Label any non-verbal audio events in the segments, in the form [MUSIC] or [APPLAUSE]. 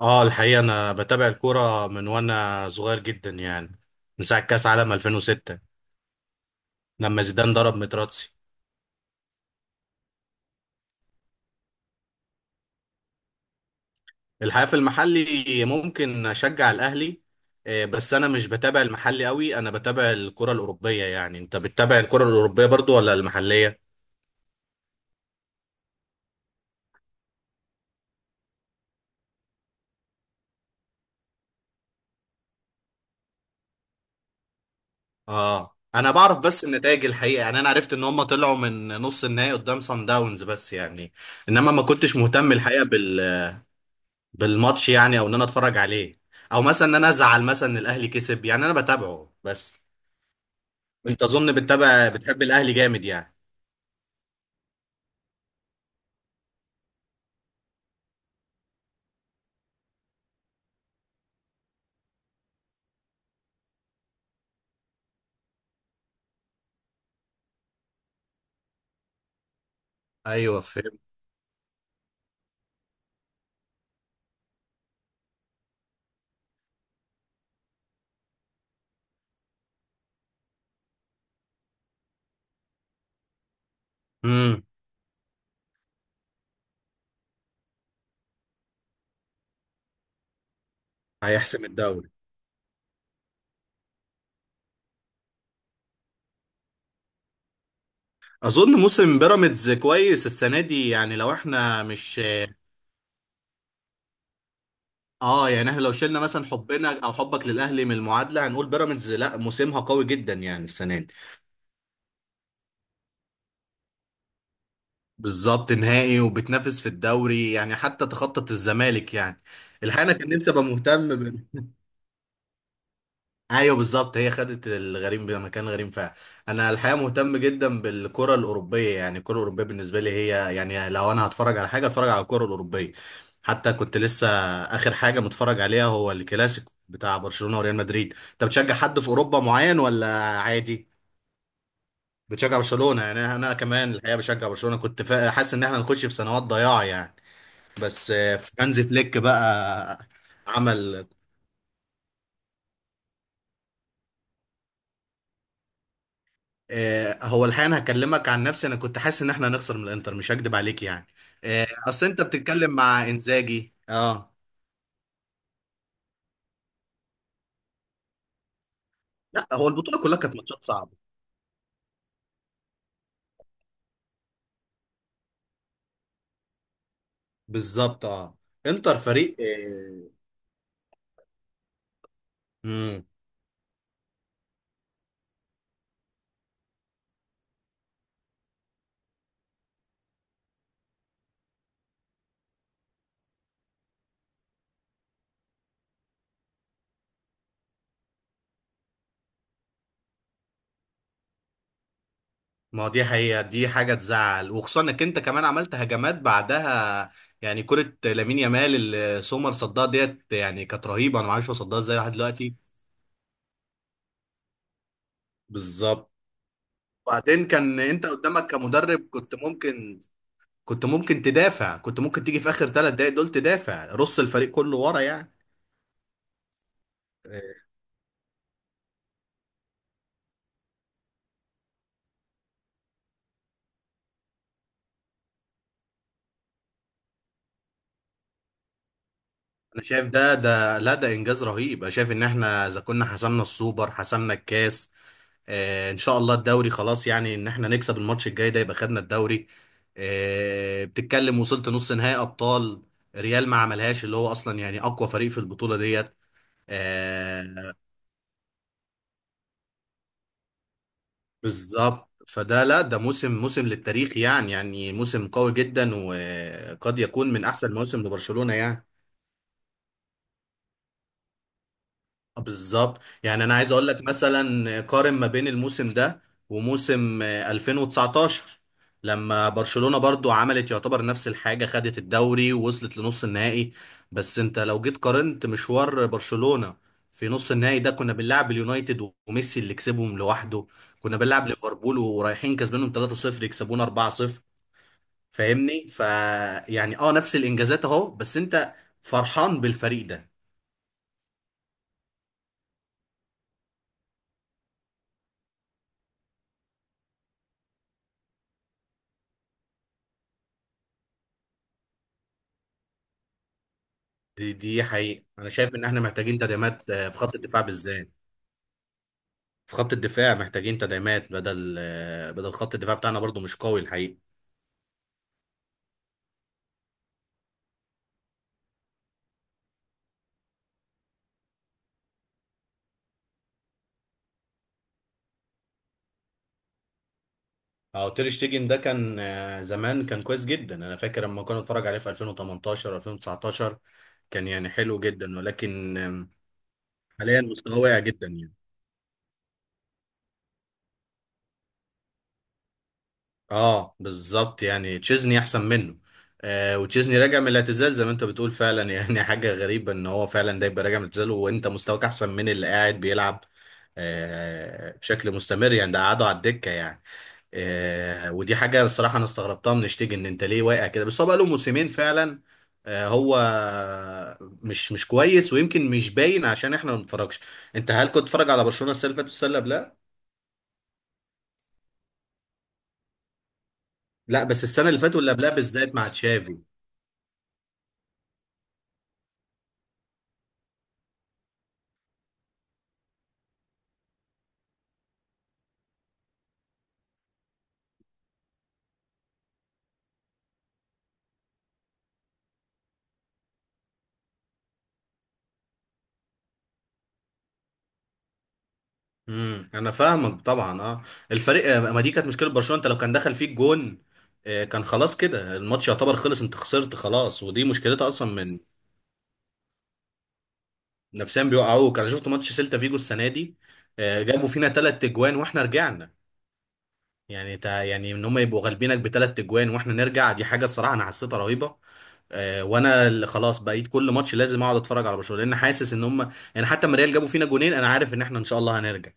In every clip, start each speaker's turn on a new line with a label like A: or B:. A: اه الحقيقة انا بتابع الكورة من وانا صغير جدا يعني من ساعة كأس عالم 2006 لما زيدان ضرب متراتسي. الحقيقة في المحلي ممكن اشجع الاهلي. بس انا مش بتابع المحلي قوي، انا بتابع الكرة الاوروبية. يعني انت بتتابع الكرة الاوروبية برضو ولا المحلية؟ اه انا بعرف بس النتائج الحقيقة، يعني انا عرفت ان هم طلعوا من نص النهائي قدام سان داونز، بس يعني انما ما كنتش مهتم الحقيقة بالماتش، يعني او ان انا اتفرج عليه او مثلا ان انا ازعل مثلا ان الاهلي كسب. يعني انا بتابعه بس. انت اظن بتتابع بتحب الاهلي جامد يعني. ايوه، فهمت. امم هيحسم الدوري. اظن موسم بيراميدز كويس السنه دي، يعني لو احنا مش اه. يعني احنا لو شلنا مثلا حبنا او حبك للاهلي من المعادله، هنقول بيراميدز لا، موسمها قوي جدا يعني السنه دي. بالظبط، نهائي وبتنافس في الدوري، يعني حتى تخطط الزمالك يعني. الحقيقه أنا كان نفسي ابقى مهتم. ايوه بالظبط، هي خدت الغريم بمكان غريم فعلا. انا الحقيقه مهتم جدا بالكره الاوروبيه، يعني الكره الاوروبيه بالنسبه لي هي يعني لو انا هتفرج على حاجه، اتفرج على الكره الاوروبيه. حتى كنت لسه اخر حاجه متفرج عليها هو الكلاسيكو بتاع برشلونه وريال مدريد. انت بتشجع حد في اوروبا معين ولا؟ عادي. بتشجع برشلونه؟ يعني انا كمان الحقيقه بشجع برشلونه. حاسس ان احنا هنخش في سنوات ضياع يعني. بس هانز فليك بقى عمل هو الحقيقه انا هكلمك عن نفسي، انا كنت حاسس ان احنا هنخسر من الانتر، مش هكدب عليك يعني. اصل انت بتتكلم مع انزاجي اه. لا، هو البطوله كلها كانت ماتشات صعبه. بالظبط اه. انتر فريق امم ما هو دي حقيقه، دي حاجه تزعل، وخصوصا انك انت كمان عملت هجمات بعدها. يعني كره لامين يامال اللي سومر صدها ديت يعني كانت رهيبه، انا ما اعرفش هو صدها ازاي لحد دلوقتي. بالظبط. وبعدين كان انت قدامك كمدرب كنت ممكن، كنت ممكن تدافع، كنت ممكن تيجي في اخر 3 دقايق دول تدافع، رص الفريق كله ورا يعني. آه، انا شايف ده، لا، ده انجاز رهيب. انا شايف ان احنا اذا كنا حسمنا السوبر، حسمنا الكاس، آه ان شاء الله الدوري خلاص، يعني ان احنا نكسب الماتش الجاي ده يبقى خدنا الدوري. آه بتتكلم، وصلت نص نهائي ابطال. ريال ما عملهاش، اللي هو اصلا يعني اقوى فريق في البطولة ديت. آه، بالظبط. فده لا، ده موسم، موسم للتاريخ يعني، يعني موسم قوي جدا، وقد يكون من احسن موسم لبرشلونة يعني. آه بالظبط. يعني انا عايز اقول لك مثلا قارن ما بين الموسم ده وموسم 2019، لما برشلونة برضو عملت يعتبر نفس الحاجة، خدت الدوري ووصلت لنص النهائي. بس انت لو جيت قارنت مشوار برشلونة في نص النهائي ده، كنا بنلعب اليونايتد وميسي اللي كسبهم لوحده، كنا بنلعب ليفربول ورايحين كسبانهم 3-0، يكسبونا 4-0. فاهمني؟ ف يعني اه نفس الانجازات اهو، بس انت فرحان بالفريق ده. دي حقيقة، انا شايف ان احنا محتاجين تدعيمات في خط الدفاع بالذات. في خط الدفاع محتاجين تدعيمات بدل بدل خط الدفاع بتاعنا، برضو مش قوي الحقيقة. اه، تير شتيجن ده كان زمان كان كويس جدا، انا فاكر لما كنا نتفرج عليه في 2018 2019، كان يعني حلو جدا. ولكن حاليا مستواه واقع جدا يعني. اه بالظبط، يعني تشيزني احسن منه. آه وتشيزني راجع من الاعتزال زي ما انت بتقول فعلا. [LAUGHS] يعني حاجه غريبه ان هو فعلا ده يبقى راجع من الاعتزال وانت مستواك احسن من اللي قاعد بيلعب آه بشكل مستمر. يعني ده قعدوا على الدكه يعني. آه ودي حاجه الصراحه انا استغربتها من شتيجن، ان انت ليه واقع كده؟ بس هو بقى له موسمين فعلا آه. هو مش كويس، ويمكن مش باين عشان احنا ما بنتفرجش. انت هل كنت تتفرج على برشلونه السنه اللي فاتت والسنه اللي قبلها؟ لا بس السنه اللي فاتت واللي قبلها بالذات مع تشافي. امم، انا فاهمك طبعا اه. الفريق ما دي كانت مشكله برشلونه، انت لو كان دخل فيك جون، كان خلاص كده الماتش يعتبر خلص، انت خسرت خلاص، ودي مشكلتها اصلا من، نفسيا بيوقعوك. انا شفت ماتش سيلتا فيجو السنه دي، جابوا فينا 3 اجوان واحنا رجعنا. يعني تا يعني ان هم يبقوا غالبينك بثلاث اجوان واحنا نرجع، دي حاجه الصراحه انا حسيتها رهيبه. وانا اللي خلاص بقيت كل ماتش لازم اقعد اتفرج على برشلونه، لان حاسس ان هم، يعني حتى ما ريال جابوا فينا جونين انا عارف ان احنا ان شاء الله هنرجع.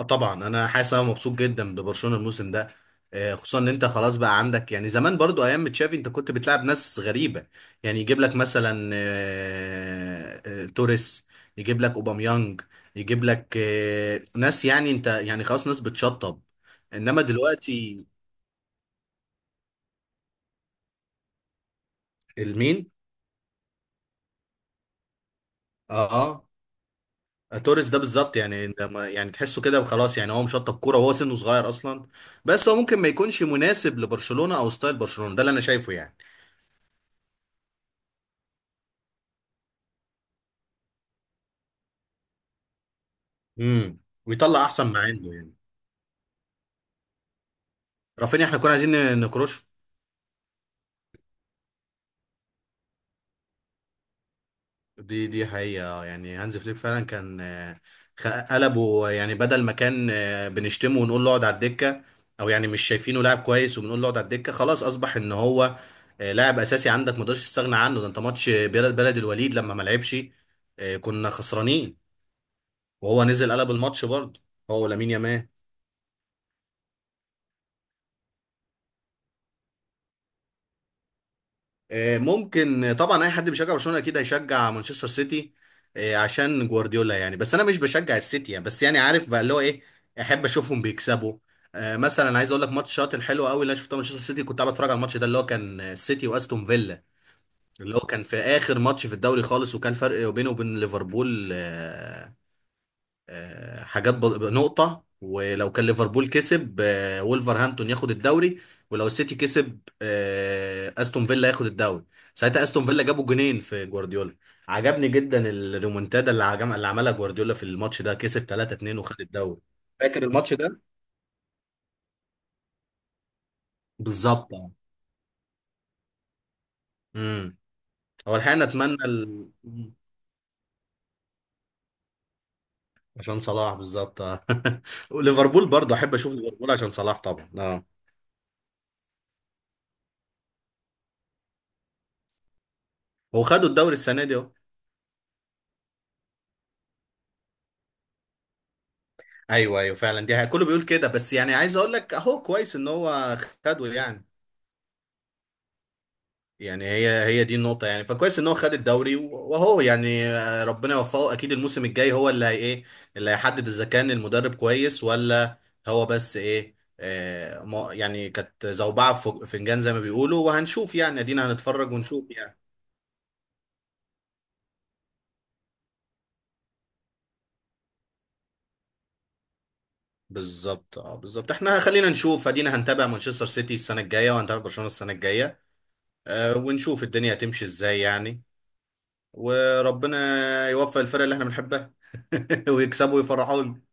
A: آه طبعا انا حاسس، انا مبسوط جدا ببرشلونه الموسم ده. خصوصا ان انت خلاص بقى عندك، يعني زمان برضو ايام ما تشافي انت كنت بتلعب ناس غريبه، يعني يجيب لك مثلا توريس، يجيب لك اوباميانج، يجيب لك ناس يعني انت يعني خلاص ناس بتشطب. انما دلوقتي المين؟ اه اه، توريس ده بالظبط، يعني ده ما- يعني تحسه كده وخلاص، يعني هو مشطب كوره وهو سنه صغير اصلا. بس هو ممكن ما يكونش مناسب لبرشلونه او ستايل برشلونه ده اللي انا شايفه يعني. امم، ويطلع احسن ما عنده يعني. رافينيا احنا كنا عايزين نكروشه. دي حقيقة، يعني هانز فليك فعلا كان خ- قلبه، يعني بدل ما كان بنشتمه ونقول له اقعد على الدكة، او يعني مش شايفينه لاعب كويس وبنقول له اقعد على الدكة، خلاص اصبح ان هو لاعب اساسي عندك ما تقدرش تستغنى عنه. ده انت ماتش بلد الوليد لما ما لعبش، كنا خسرانين، وهو نزل قلب الماتش برضه، هو ولامين يامال. ممكن طبعا، اي حد بيشجع برشلونه اكيد هيشجع مانشستر سيتي، عشان جوارديولا يعني. بس انا مش بشجع السيتي يعني، بس يعني عارف بقى اللي هو ايه، احب اشوفهم بيكسبوا. مثلا عايز اقول لك ماتش شاط الحلو قوي اللي انا شفته مانشستر سيتي، كنت قاعد اتفرج على الماتش ده اللي هو كان السيتي واستون فيلا، اللي هو كان في اخر ماتش في الدوري خالص، وكان فرق بينه وبين ليفربول آه، حاجات ب... نقطة. ولو كان ليفربول كسب وولفرهامبتون، ياخد الدوري. ولو السيتي كسب استون فيلا، ياخد الدوري. ساعتها استون فيلا جابوا جونين في جوارديولا، عجبني جدا الريمونتادا اللي عملها جوارديولا في الماتش ده، كسب 3-2 وخد الدوري. فاكر الماتش ده؟ بالظبط. امم، هو الحقيقة اتمنى ال... مم. عشان صلاح بالظبط آه. [LAUGHS] وليفربول برضه احب اشوف ليفربول عشان صلاح طبعا اه. هو خدوا الدوري السنة دي. ايوه ايوه فعلا، دي حقيقة. كله بيقول كده، بس يعني عايز اقول لك اهو كويس ان هو خده يعني. يعني هي دي النقطة يعني. فكويس ان هو خد الدوري، وهو يعني ربنا يوفقه. اكيد الموسم الجاي هو اللي هي ايه، اللي هيحدد اذا كان المدرب كويس ولا. هو بس ايه؟ آه يعني كانت زوبعة في فنجان زي ما بيقولوا، وهنشوف يعني، ادينا هنتفرج ونشوف يعني. بالظبط اه، بالظبط. احنا خلينا نشوف، ادينا هنتابع مانشستر سيتي السنة الجاية، وهنتابع برشلونة السنة الجاية، آه ونشوف الدنيا هتمشي ازاي يعني. وربنا يوفق الفرق اللي احنا بنحبها، [LAUGHS] ويكسبوا ويفرحونا.